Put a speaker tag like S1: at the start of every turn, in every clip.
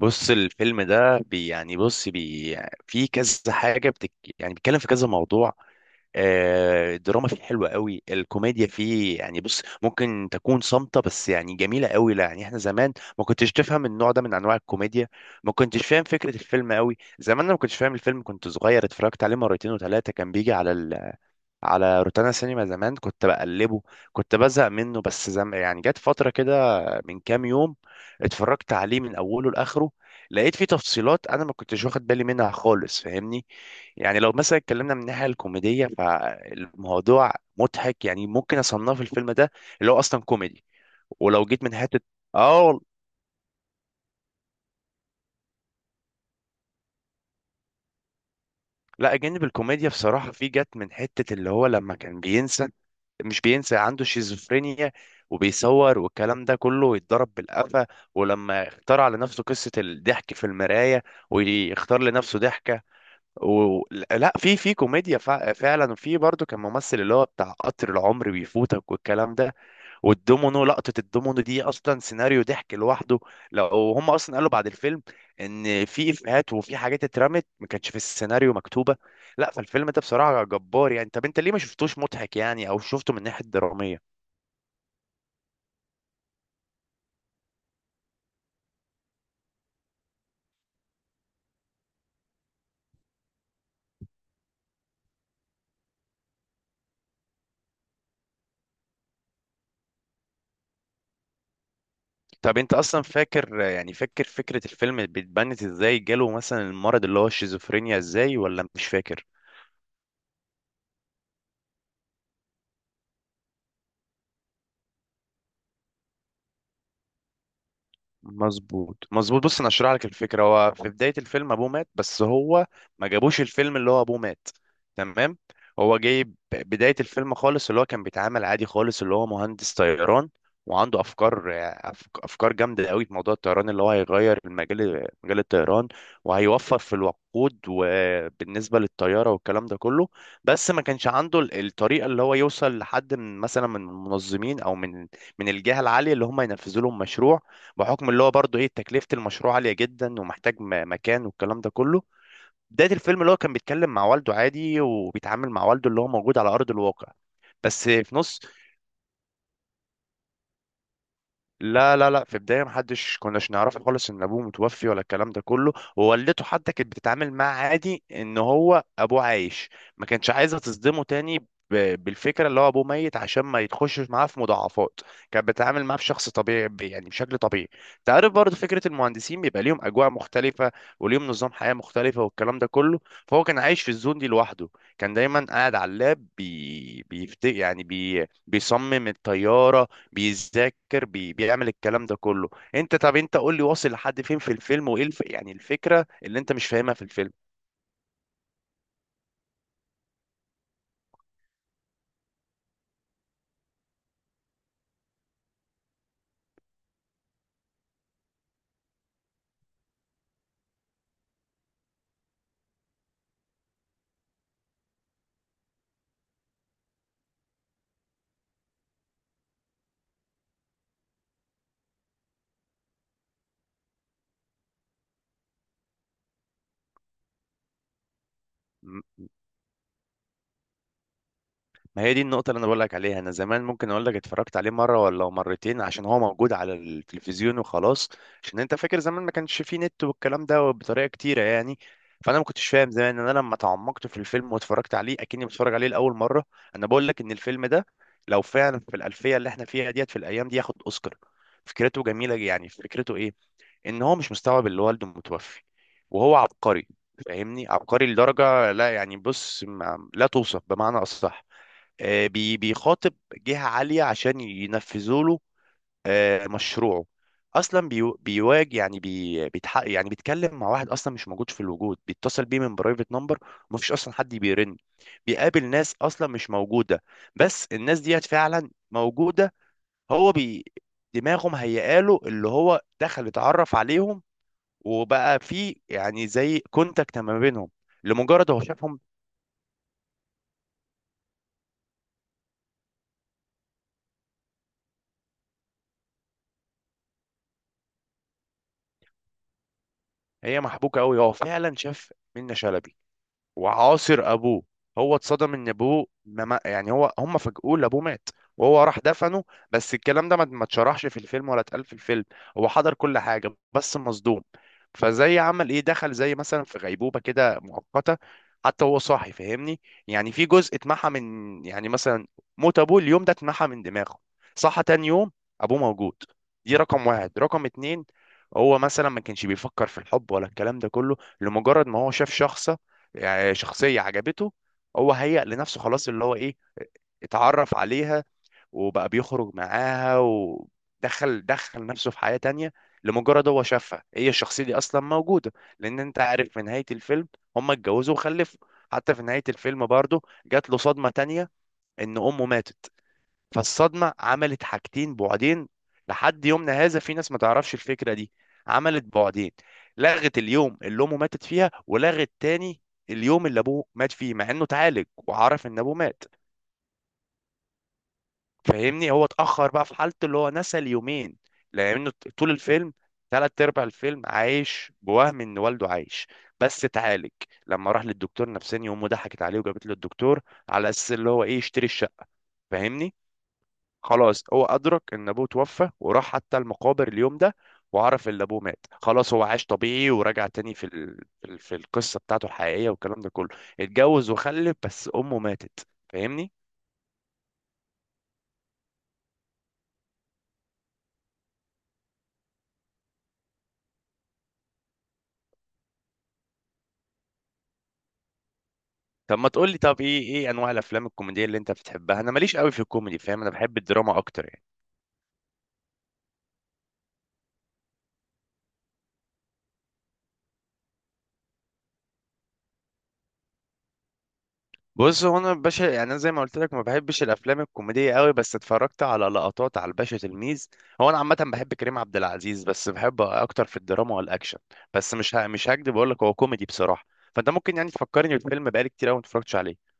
S1: بص، الفيلم ده يعني بص في كذا حاجة يعني بيتكلم في كذا موضوع. الدراما فيه حلوة قوي، الكوميديا فيه يعني بص ممكن تكون صامتة، بس يعني جميلة قوي. لا، يعني احنا زمان ما كنتش تفهم النوع ده من انواع الكوميديا. ما كنتش فاهم فكرة الفيلم قوي زمان. انا ما كنتش فاهم الفيلم، كنت صغير، اتفرجت عليه مرتين وثلاثة، كان بيجي على روتانا سينما. زمان كنت بقلبه، كنت بزهق منه. بس يعني جت فترة كده من كام يوم اتفرجت عليه من أوله لآخره، لقيت فيه تفصيلات أنا ما كنتش واخد بالي منها خالص. فاهمني؟ يعني لو مثلا اتكلمنا من الناحية الكوميدية فالموضوع مضحك، يعني ممكن أصنف الفيلم ده اللي هو أصلا كوميدي. ولو جيت من حتة، اه وال- لا، جانب الكوميديا بصراحة في جت من حتة اللي هو لما كان بينسى، مش بينسى، عنده شيزوفرينيا، وبيصور والكلام ده كله يتضرب بالقفا. ولما اخترع لنفسه قصة الضحك في المراية ويختار لنفسه ضحكة و... لا، في كوميديا فعلا. وفي برضه كان ممثل اللي هو بتاع قطر العمر بيفوتك والكلام ده، والدومينو، لقطة الدومينو دي أصلا سيناريو ضحك لوحده. لو هم أصلا قالوا بعد الفيلم إن في إفيهات وفي حاجات اترمت ما كانتش في السيناريو مكتوبة. لا، فالفيلم ده بصراحة جبار. يعني طب أنت ليه ما شفتوش مضحك؟ يعني أو شفته من ناحية درامية؟ طب أنت أصلا فاكر؟ يعني فاكر فكرة الفيلم بتبنت إزاي؟ جاله مثلا المرض اللي هو الشيزوفرينيا إزاي ولا مش فاكر؟ مظبوط، مظبوط. بص، انا اشرح لك الفكره. هو في بدايه الفيلم ابوه مات، بس هو ما جابوش الفيلم اللي هو ابوه مات. تمام؟ هو جايب بدايه الفيلم خالص اللي هو كان بيتعامل عادي خالص، اللي هو مهندس طيران، وعنده افكار، افكار جامده قوي في موضوع الطيران، اللي هو هيغير المجال، مجال الطيران، وهيوفر في الوقود وبالنسبه للطياره والكلام ده كله. بس ما كانش عنده الطريقه اللي هو يوصل لحد، من مثلا من المنظمين او من الجهه العاليه اللي هم ينفذوا لهم مشروع، بحكم اللي هو برضه ايه تكلفة المشروع عالية جدا، ومحتاج مكان والكلام ده كله. بداية الفيلم اللي هو كان بيتكلم مع والده عادي، وبيتعامل مع والده اللي هو موجود على أرض الواقع. بس في نص لا لا لا، في البدايه كناش نعرف خالص ان ابوه متوفي ولا الكلام ده كله، ووالدته حتى كانت بتتعامل معاه عادي ان هو ابوه عايش. ما كانتش عايزه تصدمه تاني بالفكره اللي هو ابوه ميت، عشان ما يتخشش معاه في مضاعفات. كانت بتتعامل معاه بشخص طبيعي، يعني بشكل طبيعي. تعرف برضه فكره المهندسين بيبقى ليهم اجواء مختلفه، وليهم نظام حياه مختلفه والكلام ده كله. فهو كان عايش في الزون دي لوحده، كان دايما قاعد على اللاب، بي... بيفت... يعني بي... بيصمم الطياره، بيذاكر، بيعمل الكلام ده كله. طب انت قول لي واصل لحد فين في الفيلم؟ وايه الفكره اللي انت مش فاهمها في الفيلم؟ م- ما هي دي النقطه اللي انا بقول لك عليها. انا زمان ممكن اقول لك اتفرجت عليه مره ولا مرتين، عشان هو موجود على التلفزيون وخلاص. عشان انت فاكر زمان ما كانش فيه نت والكلام ده بطريقه كتيره يعني. فانا ما كنتش فاهم زمان. انا لما تعمقت في الفيلم واتفرجت عليه اكني بتفرج عليه لاول مره، انا بقول لك ان الفيلم ده لو فعلا في الالفيه اللي احنا فيها ديت، في الايام دي، ياخد اوسكار. فكرته جميله، يعني فكرته ايه؟ ان هو مش مستوعب اللي والده متوفي، وهو عبقري. فاهمني؟ عبقري لدرجة لا، يعني بص، ما لا توصف بمعنى أصح. بيخاطب جهة عالية عشان ينفذوا له مشروعه. اصلا بيواجه، يعني بيتحق، يعني بيتكلم مع واحد اصلا مش موجود في الوجود، بيتصل بيه من برايفت نمبر، ومفيش اصلا حد بيرن. بيقابل ناس اصلا مش موجوده، بس الناس ديت فعلا موجوده. هو دماغه مهيئاله اللي هو دخل اتعرف عليهم، وبقى في يعني زي كونتاكت ما بينهم. لمجرد هو شافهم، هي محبوكه قوي، هو فعلا شاف منة شلبي وعاصر ابوه. هو اتصدم ان ابوه ما ما- يعني هو هم فاجئوه ان ابوه مات، وهو راح دفنه. بس الكلام ده ما اتشرحش في الفيلم ولا اتقال في الفيلم. هو حضر كل حاجه بس مصدوم، فزي عمل ايه، دخل زي مثلا في غيبوبه كده مؤقته. حتى هو صاحي، فاهمني؟ يعني في جزء اتمحى من، يعني مثلا، موت ابوه اليوم ده اتمحى من دماغه. صحى تاني يوم، ابوه موجود. دي رقم واحد. رقم اتنين، هو مثلا ما كانش بيفكر في الحب ولا الكلام ده كله، لمجرد ما هو شاف شخص، يعني شخصية عجبته، هو هيأ لنفسه خلاص اللي هو ايه، اتعرف عليها، وبقى بيخرج معاها، ودخل نفسه في حياة تانية. لمجرد هو شافها، هي الشخصية دي أصلا موجودة. لأن أنت عارف في نهاية الفيلم هما اتجوزوا وخلفوا. حتى في نهاية الفيلم برضه جات له صدمة تانية، إن أمه ماتت. فالصدمة عملت حاجتين بعدين، لحد يومنا هذا في ناس ما تعرفش الفكرة دي. عملت بعدين، لغت اليوم اللي أمه ماتت فيها، ولغت تاني اليوم اللي أبوه مات فيه، مع إنه اتعالج وعرف إن أبوه مات. فاهمني؟ هو اتأخر بقى في حالته، اللي هو نسى اليومين. لأنه طول الفيلم، تلات أرباع الفيلم، عايش بوهم إن والده عايش، بس اتعالج لما راح للدكتور نفساني. أمه ضحكت عليه وجابت له الدكتور على أساس اللي هو إيه يشتري الشقة، فاهمني؟ خلاص هو أدرك إن أبوه توفى، وراح حتى المقابر اليوم ده، وعرف إن أبوه مات. خلاص هو عاش طبيعي ورجع تاني في في القصة بتاعته الحقيقية والكلام ده كله. اتجوز وخلف، بس أمه ماتت. فاهمني؟ طب ما تقول لي، طب إيه أنواع الأفلام الكوميدية اللي أنت بتحبها؟ أنا ماليش قوي في الكوميدي، فاهم؟ أنا بحب الدراما أكتر يعني. بص، هو انا باشا، يعني انا زي ما قلت لك ما بحبش الافلام الكوميديه قوي، بس اتفرجت على لقطات على الباشا تلميذ. هو انا عامه بحب كريم عبد العزيز، بس بحب اكتر في الدراما والاكشن، بس مش مش هكدب اقول لك هو كوميدي بصراحه. فانت ممكن يعني تفكرني بالفيلم بقالي كتير قوي ما اتفرجتش عليه.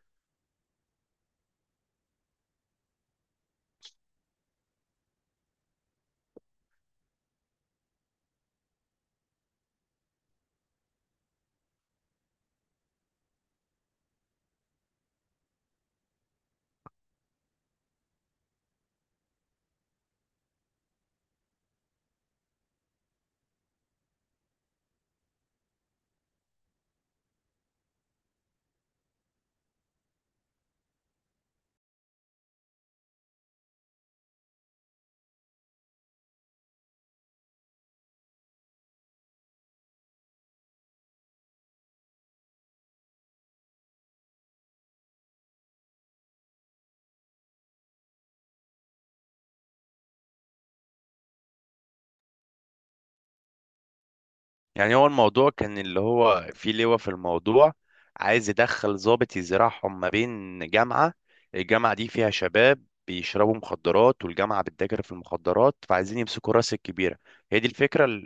S1: يعني هو الموضوع كان اللي هو في لواء في الموضوع عايز يدخل ضابط يزرعهم ما بين جامعه. الجامعه دي فيها شباب بيشربوا مخدرات، والجامعه بتتاجر في المخدرات، فعايزين يمسكوا راس الكبيره. هي دي الفكرة.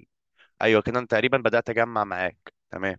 S1: ايوه كده، انا تقريبا بدات اجمع معاك تمام.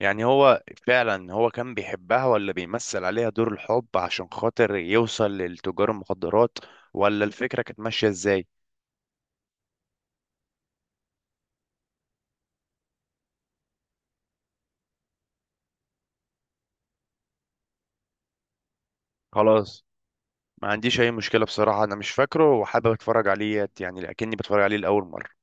S1: يعني هو فعلا كان بيحبها ولا بيمثل عليها دور الحب عشان خاطر يوصل لتجار المخدرات؟ ولا الفكره كانت ماشيه ازاي؟ خلاص، ما عنديش اي مشكله بصراحه، انا مش فاكره وحابب اتفرج عليه يعني، لكني بتفرج عليه لاول مره.